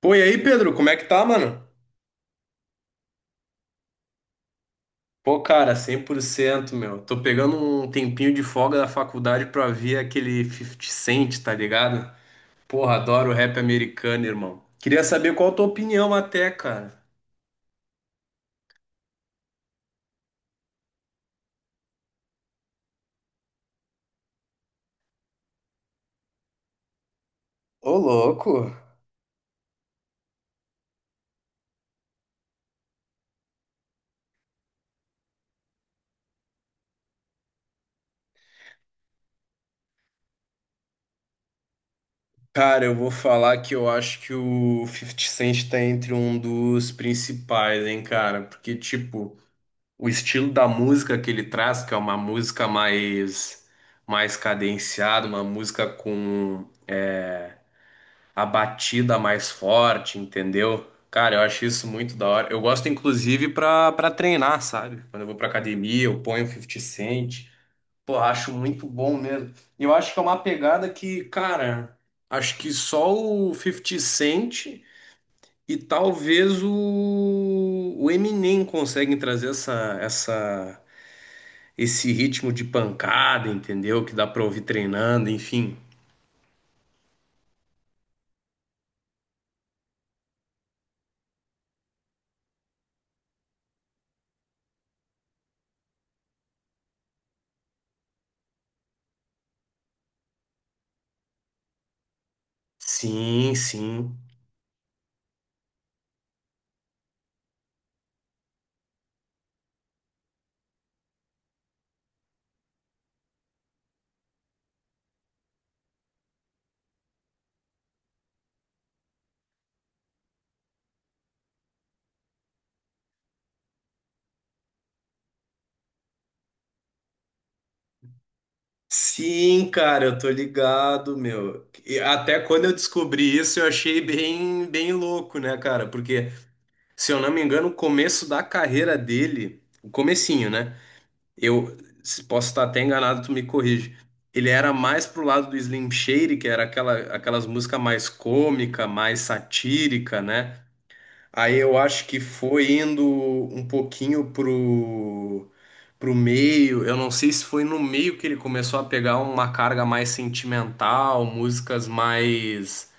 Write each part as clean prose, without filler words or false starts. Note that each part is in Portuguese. Pô, e aí, Pedro, como é que tá, mano? Pô, cara, 100% meu. Tô pegando um tempinho de folga da faculdade pra ver aquele Fifty Cent, tá ligado? Porra, adoro rap americano, irmão. Queria saber qual a tua opinião até, cara. Ô, louco! Cara, eu vou falar que eu acho que o Fifty Cent tá entre um dos principais, hein, cara? Porque, tipo, o estilo da música que ele traz, que é uma música mais, mais cadenciada, uma música com a batida mais forte, entendeu? Cara, eu acho isso muito da hora. Eu gosto, inclusive, pra treinar, sabe? Quando eu vou pra academia, eu ponho 50 Cent. Pô, acho muito bom mesmo. E eu acho que é uma pegada que, cara, acho que só o 50 Cent e talvez o Eminem conseguem trazer essa, essa, esse ritmo de pancada, entendeu? Que dá pra ouvir treinando, enfim. Sim, sim. Sim, cara, eu tô ligado, meu. E até quando eu descobri isso, eu achei bem, bem louco, né, cara? Porque, se eu não me engano, o começo da carreira dele, o comecinho, né? Eu se- Posso estar até enganado, tu me corrige. Ele era mais pro lado do Slim Shady, que era aquela, aquelas músicas mais cômica, mais satírica, né? Aí eu acho que foi indo um pouquinho pro meio. Eu não sei se foi no meio que ele começou a pegar uma carga mais sentimental, músicas mais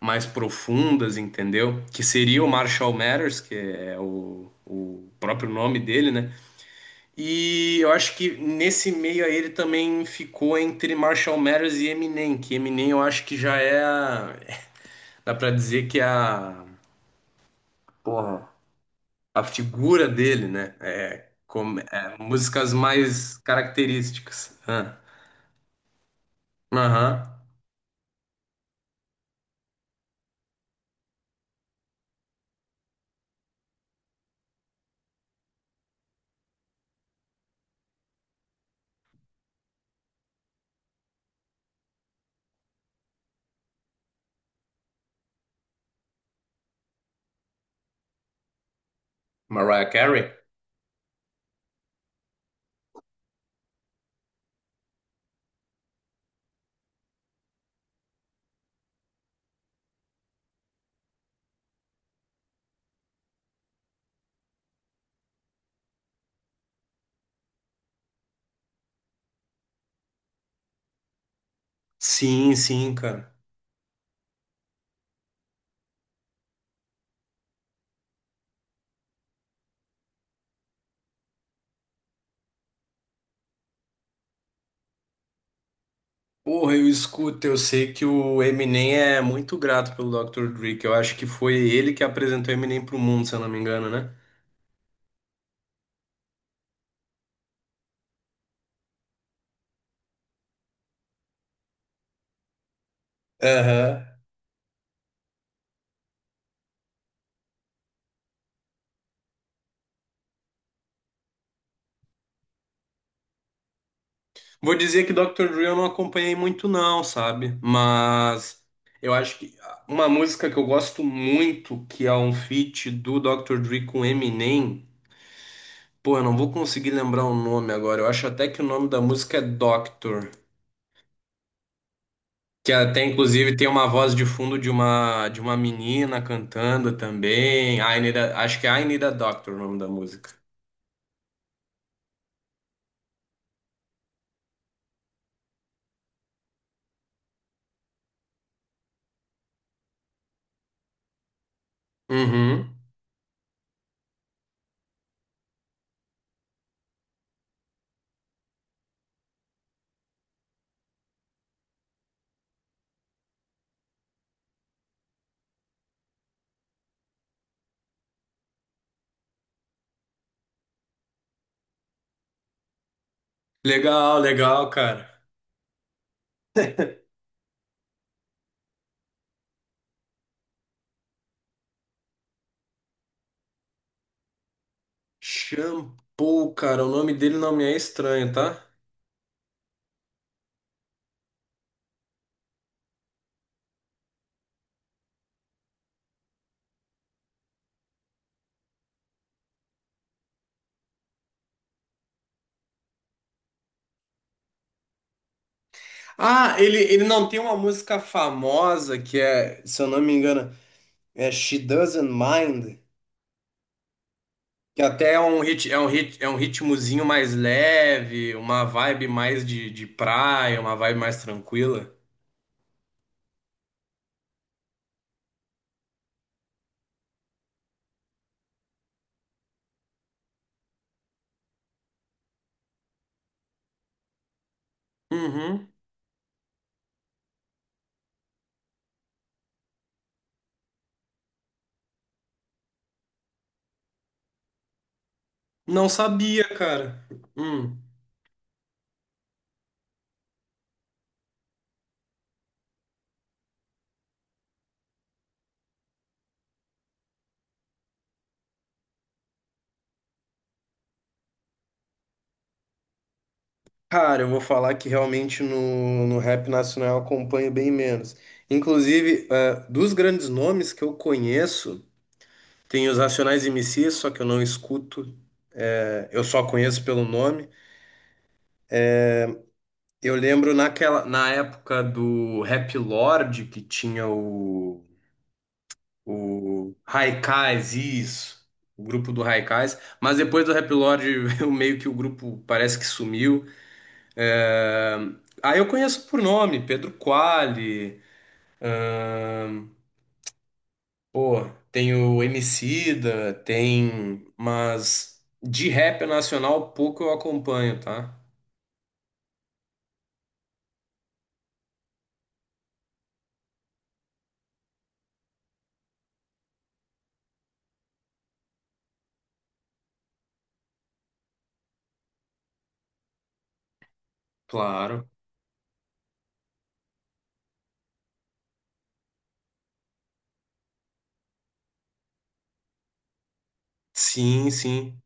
mais profundas, entendeu? Que seria o Marshall Mathers, que é o próprio nome dele, né? E eu acho que nesse meio aí ele também ficou entre Marshall Mathers e Eminem, que Eminem eu acho que já é a, dá pra dizer que é a, porra, a figura dele, né? É, músicas mais características. Ah, aham. Mariah Carey? Sim, sim, cara. Porra, eu escuto, eu sei que o Eminem é muito grato pelo Dr. Dre, que eu acho que foi ele que apresentou Eminem pro mundo, se eu não me engano, né? Aham. Vou dizer que Dr. Dre eu não acompanhei muito não, sabe? Mas eu acho que uma música que eu gosto muito, que é um feat do Dr. Dre com Eminem, pô, eu não vou conseguir lembrar o nome agora. Eu acho até que o nome da música é Doctor, que até inclusive tem uma voz de fundo de uma menina cantando também. Acho que é I Need a Doctor o nome da música. Uhum. Legal, legal, cara. Shampoo, cara, o nome dele não me é estranho, tá? Ah, ele não tem uma música famosa que é, se eu não me engano, é She Doesn't Mind. Que até é um ritmozinho mais leve, uma vibe mais de praia, uma vibe mais tranquila. Uhum. Não sabia, cara. Hum. Cara, eu vou falar que realmente no, no rap nacional eu acompanho bem menos. Inclusive, dos grandes nomes que eu conheço, tem os Racionais MCs, só que eu não escuto, eu só conheço pelo nome. Eu lembro naquela, na época do Rap Lord, que tinha o O Haikais, isso. O grupo do Haikais. Mas depois do Rap Lord, eu meio que o grupo parece que sumiu. É... Aí eu conheço por nome, Pedro Quali. ahn, Pô, tem o Emicida, tem... Mas de rap nacional, pouco eu acompanho, tá? Claro. Sim, sim.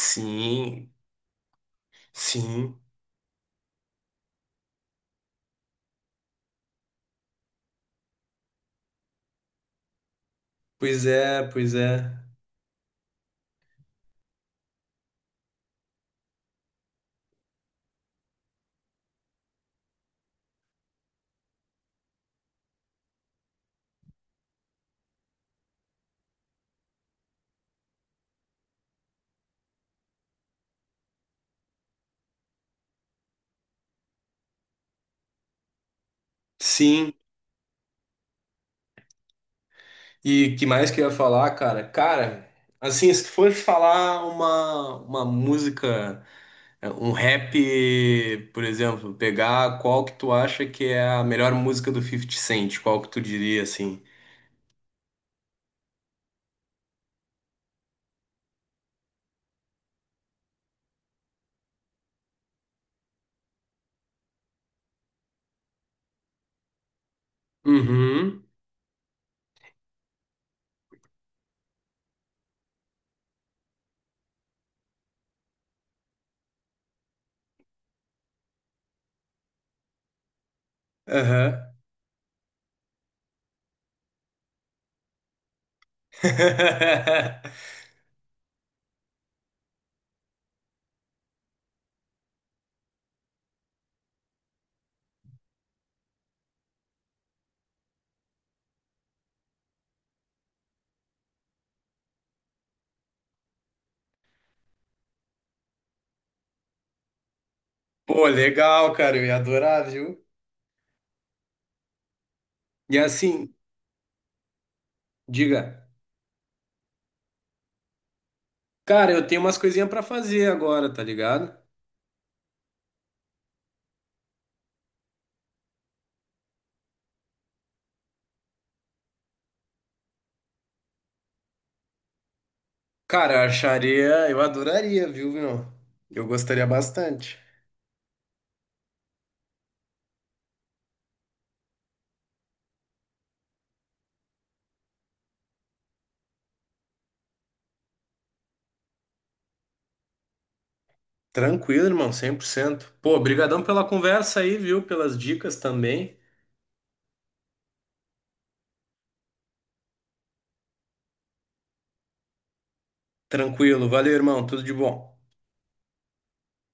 Sim, sim. Pois é, pois é. Sim. E que mais que eu ia falar, cara? Cara, assim, se for falar uma música, é, um rap, por exemplo, pegar qual que tu acha que é a melhor música do Fifty Cent, qual que tu diria, assim? Uhum, aham. Pô, legal, cara, eu ia adorar, viu? E assim, diga, cara, eu tenho umas coisinhas pra fazer agora, tá ligado? Cara, eu acharia, eu adoraria, viu, meu? Eu gostaria bastante. Tranquilo, irmão, cem por cento. Pô, brigadão pela conversa aí, viu? Pelas dicas também. Tranquilo, valeu, irmão, tudo de bom.